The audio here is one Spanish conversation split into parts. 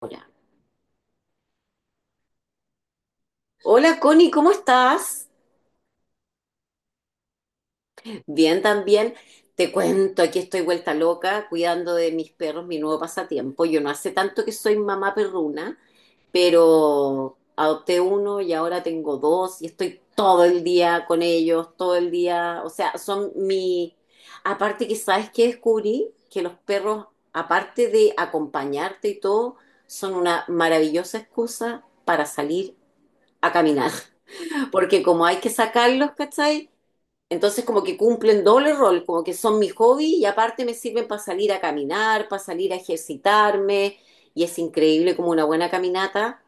Hola. Hola Connie, ¿cómo estás? Bien, también. Te cuento, aquí estoy vuelta loca cuidando de mis perros, mi nuevo pasatiempo. Yo no hace tanto que soy mamá perruna, pero adopté uno y ahora tengo dos y estoy todo el día con ellos, todo el día. O sea, son mi... Aparte que sabes que descubrí que los perros, aparte de acompañarte y todo, son una maravillosa excusa para salir a caminar. Porque como hay que sacarlos, ¿cachai? Entonces como que cumplen doble rol, como que son mi hobby y aparte me sirven para salir a caminar, para salir a ejercitarme y es increíble como una buena caminata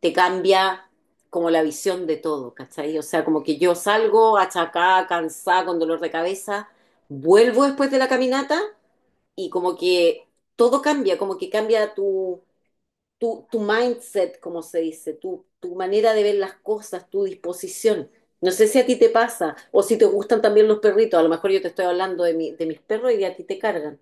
te cambia como la visión de todo, ¿cachai? O sea, como que yo salgo achacada, cansada, con dolor de cabeza, vuelvo después de la caminata y como que todo cambia, como que cambia tu mindset, como se dice, tu manera de ver las cosas, tu disposición. No sé si a ti te pasa o si te gustan también los perritos. A lo mejor yo te estoy hablando de mis perros y a ti te cargan.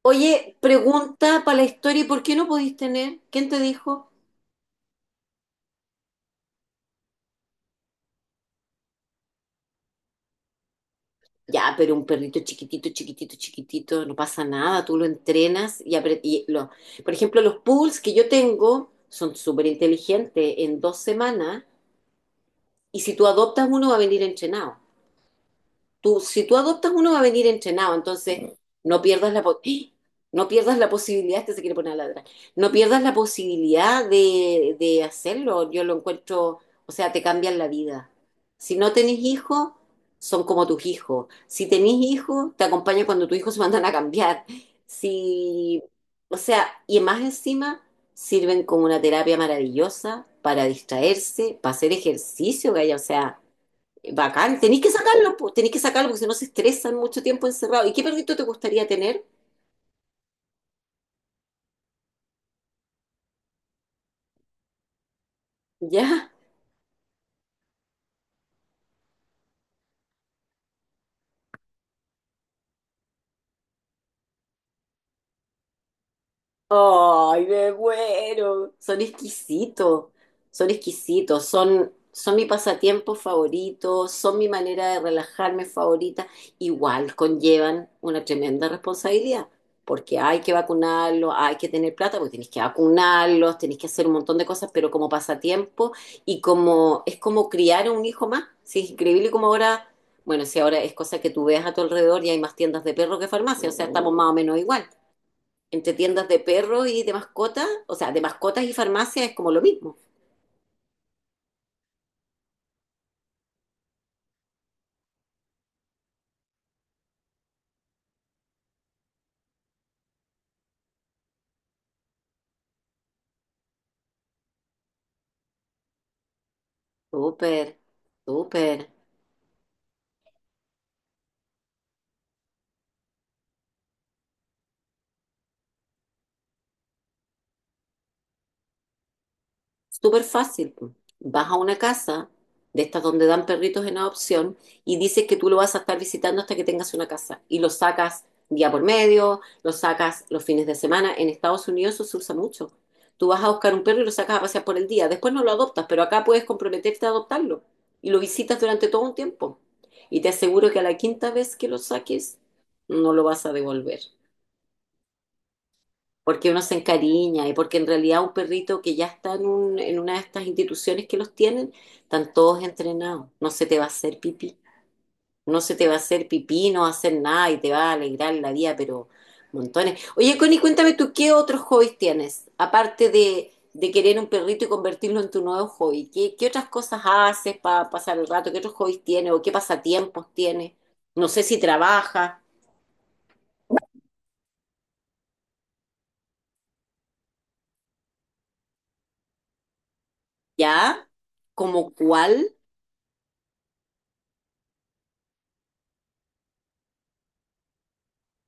Oye, pregunta para la historia, ¿y por qué no podís tener? ¿Quién te dijo? Ya, pero un perrito chiquitito, chiquitito, chiquitito, no pasa nada, tú lo entrenas y lo... Por ejemplo, los poodles que yo tengo son súper inteligentes en 2 semanas y si tú adoptas uno va a venir entrenado. Si tú adoptas uno va a venir entrenado, entonces no pierdas ¡Eh! No pierdas la posibilidad, este se quiere poner a ladrar, no pierdas la posibilidad de hacerlo. Yo lo encuentro, o sea, te cambian la vida. Si no tenés hijos, son como tus hijos. Si tenés hijos, te acompañan cuando tus hijos se mandan a cambiar. Si, o sea, y más encima sirven como una terapia maravillosa para distraerse, para hacer ejercicio, gaya. O sea, bacán, tenéis que sacarlo, po, tenéis que sacarlo porque si no se estresan mucho tiempo encerrado. ¿Y qué perrito te gustaría tener? ¿Ya? Ay, me muero. Son exquisitos, son exquisitos, son mi pasatiempo favorito, son mi manera de relajarme favorita. Igual conllevan una tremenda responsabilidad, porque hay que vacunarlos, hay que tener plata, porque tenés que vacunarlos, tenés que hacer un montón de cosas, pero como pasatiempo y como es como criar a un hijo más. Sí, es increíble como ahora, bueno, si ahora es cosa que tú veas a tu alrededor y hay más tiendas de perros que farmacia, o sea, estamos más o menos igual entre tiendas de perros y de mascotas, o sea, de mascotas y farmacia es como lo mismo. Súper, súper. Súper fácil. Vas a una casa de estas donde dan perritos en adopción y dices que tú lo vas a estar visitando hasta que tengas una casa y lo sacas día por medio, lo sacas los fines de semana. En Estados Unidos eso se usa mucho. Tú vas a buscar un perro y lo sacas a pasear por el día. Después no lo adoptas, pero acá puedes comprometerte a adoptarlo y lo visitas durante todo un tiempo. Y te aseguro que a la quinta vez que lo saques, no lo vas a devolver porque uno se encariña y porque en realidad un perrito que ya está en una de estas instituciones que los tienen, están todos entrenados. No se te va a hacer pipí, no se te va a hacer pipí, no va a hacer nada y te va a alegrar la vida, pero montones. Oye, Connie, cuéntame tú, ¿qué otros hobbies tienes? Aparte de querer un perrito y convertirlo en tu nuevo hobby, ¿qué otras cosas haces para pasar el rato? ¿Qué otros hobbies tienes o qué pasatiempos tienes? No sé si trabajas, ¿ya? ¿Como cuál?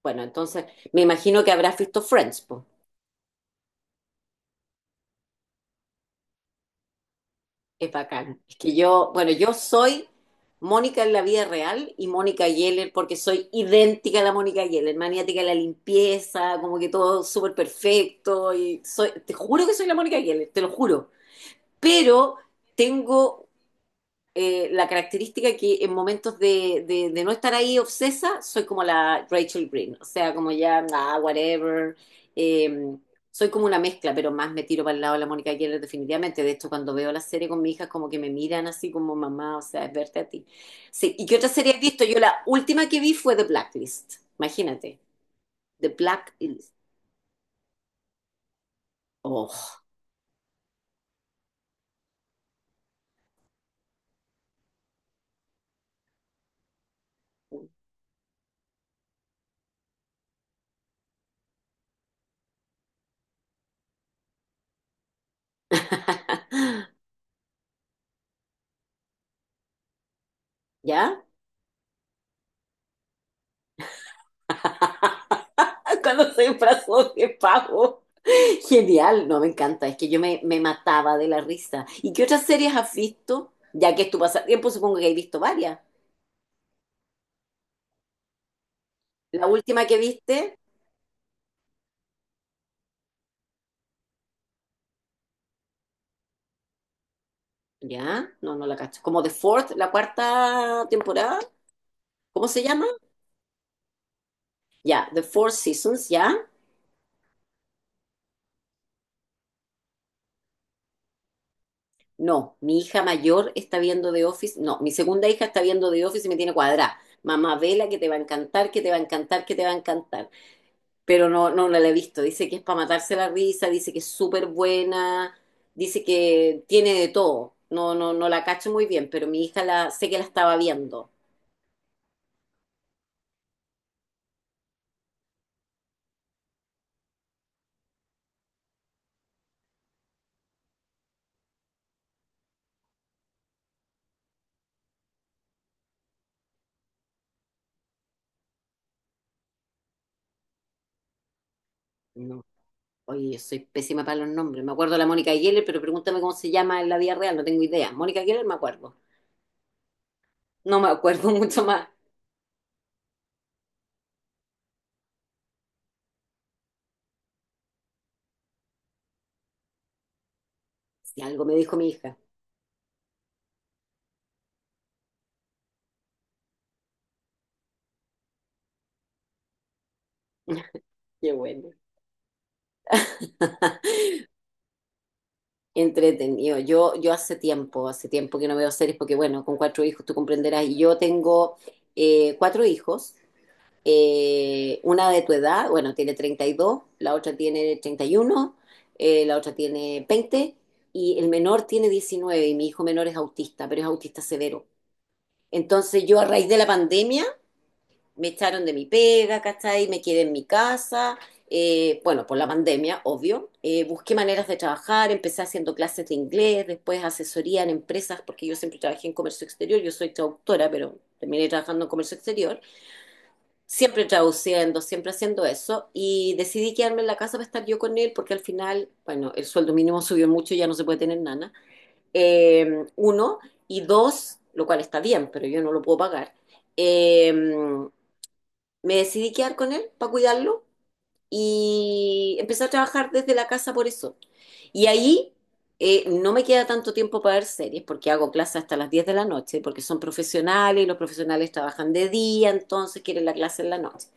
Bueno, entonces me imagino que habrás visto Friends, po. Es bacán. Es que yo, bueno, yo soy Mónica en la vida real y Mónica Geller porque soy idéntica a la Mónica Geller, maniática de la limpieza, como que todo súper perfecto y soy, te juro que soy la Mónica Geller, te lo juro. Pero tengo la característica que en momentos de no estar ahí obsesa, soy como la Rachel Green, o sea, como ya, ah, whatever, eh, soy como una mezcla, pero más me tiro para el lado de la Mónica Geller definitivamente, de hecho cuando veo la serie con mi hija como que me miran así como mamá, o sea, es verte a ti. Sí, ¿y qué otra serie has visto? Yo la última que vi fue The Blacklist, imagínate, The Blacklist, oh, ¿ya? Cuando se disfrazó de pavo. Genial, no, me encanta, es que yo me mataba de la risa. ¿Y qué otras series has visto? Ya que es tu pasatiempo, supongo que has visto varias. La última que viste, ya, no, no la cacho. Como The Fourth, la cuarta temporada, ¿cómo se llama? Ya, The Four Seasons, ya. No, mi hija mayor está viendo The Office, no, mi segunda hija está viendo The Office y me tiene cuadrada. Mamá, vela que te va a encantar, que te va a encantar, que te va a encantar. Pero no la he visto. Dice que es para matarse la risa, dice que es súper buena, dice que tiene de todo. No, no, no la cacho muy bien, pero mi hija la, sé que la estaba viendo. No, oye, yo soy pésima para los nombres. Me acuerdo de la Mónica Geller, pero pregúntame cómo se llama en la vida real, no tengo idea. Mónica Geller me acuerdo. No me acuerdo mucho más. Si algo me dijo mi hija. Qué bueno. Entretenido. Yo hace tiempo que no veo series porque, bueno, con cuatro hijos, tú comprenderás. Y yo tengo cuatro hijos, una de tu edad, bueno, tiene 32, la otra tiene 31, la otra tiene 20 y el menor tiene 19 y mi hijo menor es autista, pero es autista severo. Entonces yo a raíz de la pandemia me echaron de mi pega, ¿cachai? Me quedé en mi casa, bueno, por la pandemia, obvio. Busqué maneras de trabajar, empecé haciendo clases de inglés, después asesoría en empresas, porque yo siempre trabajé en comercio exterior, yo soy traductora, pero terminé trabajando en comercio exterior. Siempre traduciendo, siempre haciendo eso. Y decidí quedarme en la casa para estar yo con él, porque al final, bueno, el sueldo mínimo subió mucho, ya no se puede tener nana. Uno, y dos, lo cual está bien, pero yo no lo puedo pagar. eh, Me decidí quedar con él para cuidarlo y empecé a trabajar desde la casa por eso. Y ahí no me queda tanto tiempo para ver series, porque hago clases hasta las 10 de la noche, porque son profesionales y los profesionales trabajan de día, entonces quieren la clase en la noche.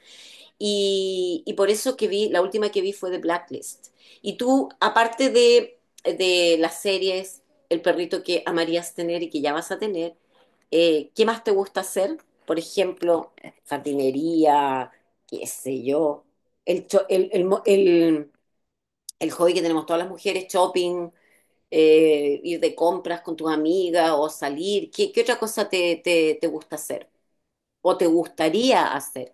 Y por eso que vi, la última que vi fue The Blacklist. Y tú, aparte de las series, el perrito que amarías tener y que ya vas a tener, ¿qué más te gusta hacer? Por ejemplo, jardinería, qué sé yo, el, cho- el, mo- el hobby que tenemos todas las mujeres, shopping, ir de compras con tus amigas o salir. ¿Qué otra cosa te gusta hacer o te gustaría hacer?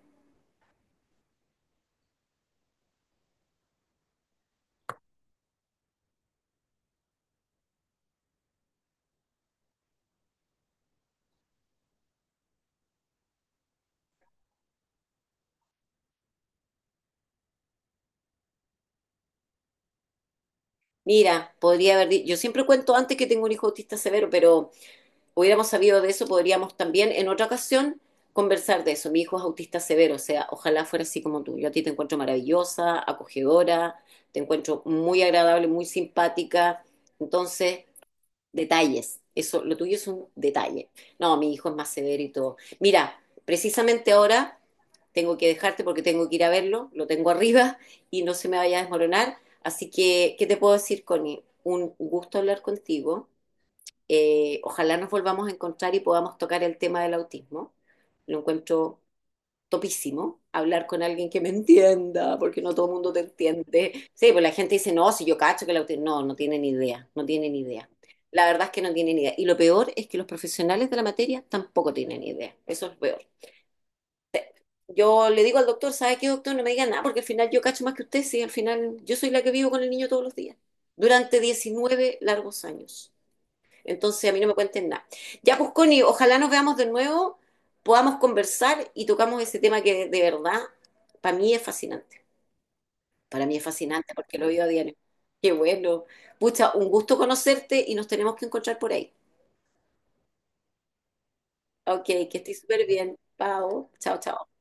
Mira, podría haber, yo siempre cuento antes que tengo un hijo autista severo, pero hubiéramos sabido de eso, podríamos también en otra ocasión conversar de eso. Mi hijo es autista severo, o sea, ojalá fuera así como tú. Yo a ti te encuentro maravillosa, acogedora, te encuentro muy agradable, muy simpática. Entonces, detalles. Eso, lo tuyo es un detalle. No, mi hijo es más severo y todo. Mira, precisamente ahora tengo que dejarte porque tengo que ir a verlo, lo tengo arriba y no se me vaya a desmoronar. Así que, ¿qué te puedo decir, Connie? Un gusto hablar contigo. Ojalá nos volvamos a encontrar y podamos tocar el tema del autismo. Lo encuentro topísimo hablar con alguien que me entienda, porque no todo el mundo te entiende. Sí, pues la gente dice, no, si yo cacho que la... auti-". No, no tienen idea, no tienen idea. La verdad es que no tienen idea. Y lo peor es que los profesionales de la materia tampoco tienen idea. Eso es lo peor. Yo le digo al doctor, ¿sabe qué, doctor? No me diga nada, porque al final yo cacho más que usted, sí, al final yo soy la que vivo con el niño todos los días, durante 19 largos años. Entonces a mí no me cuenten nada. Ya, pues Connie, ojalá nos veamos de nuevo, podamos conversar y tocamos ese tema que de verdad para mí es fascinante. Para mí es fascinante porque lo veo a diario. Qué bueno. Pucha, un gusto conocerte y nos tenemos que encontrar por ahí. Ok, que estés súper bien. Pau. Chao, chao.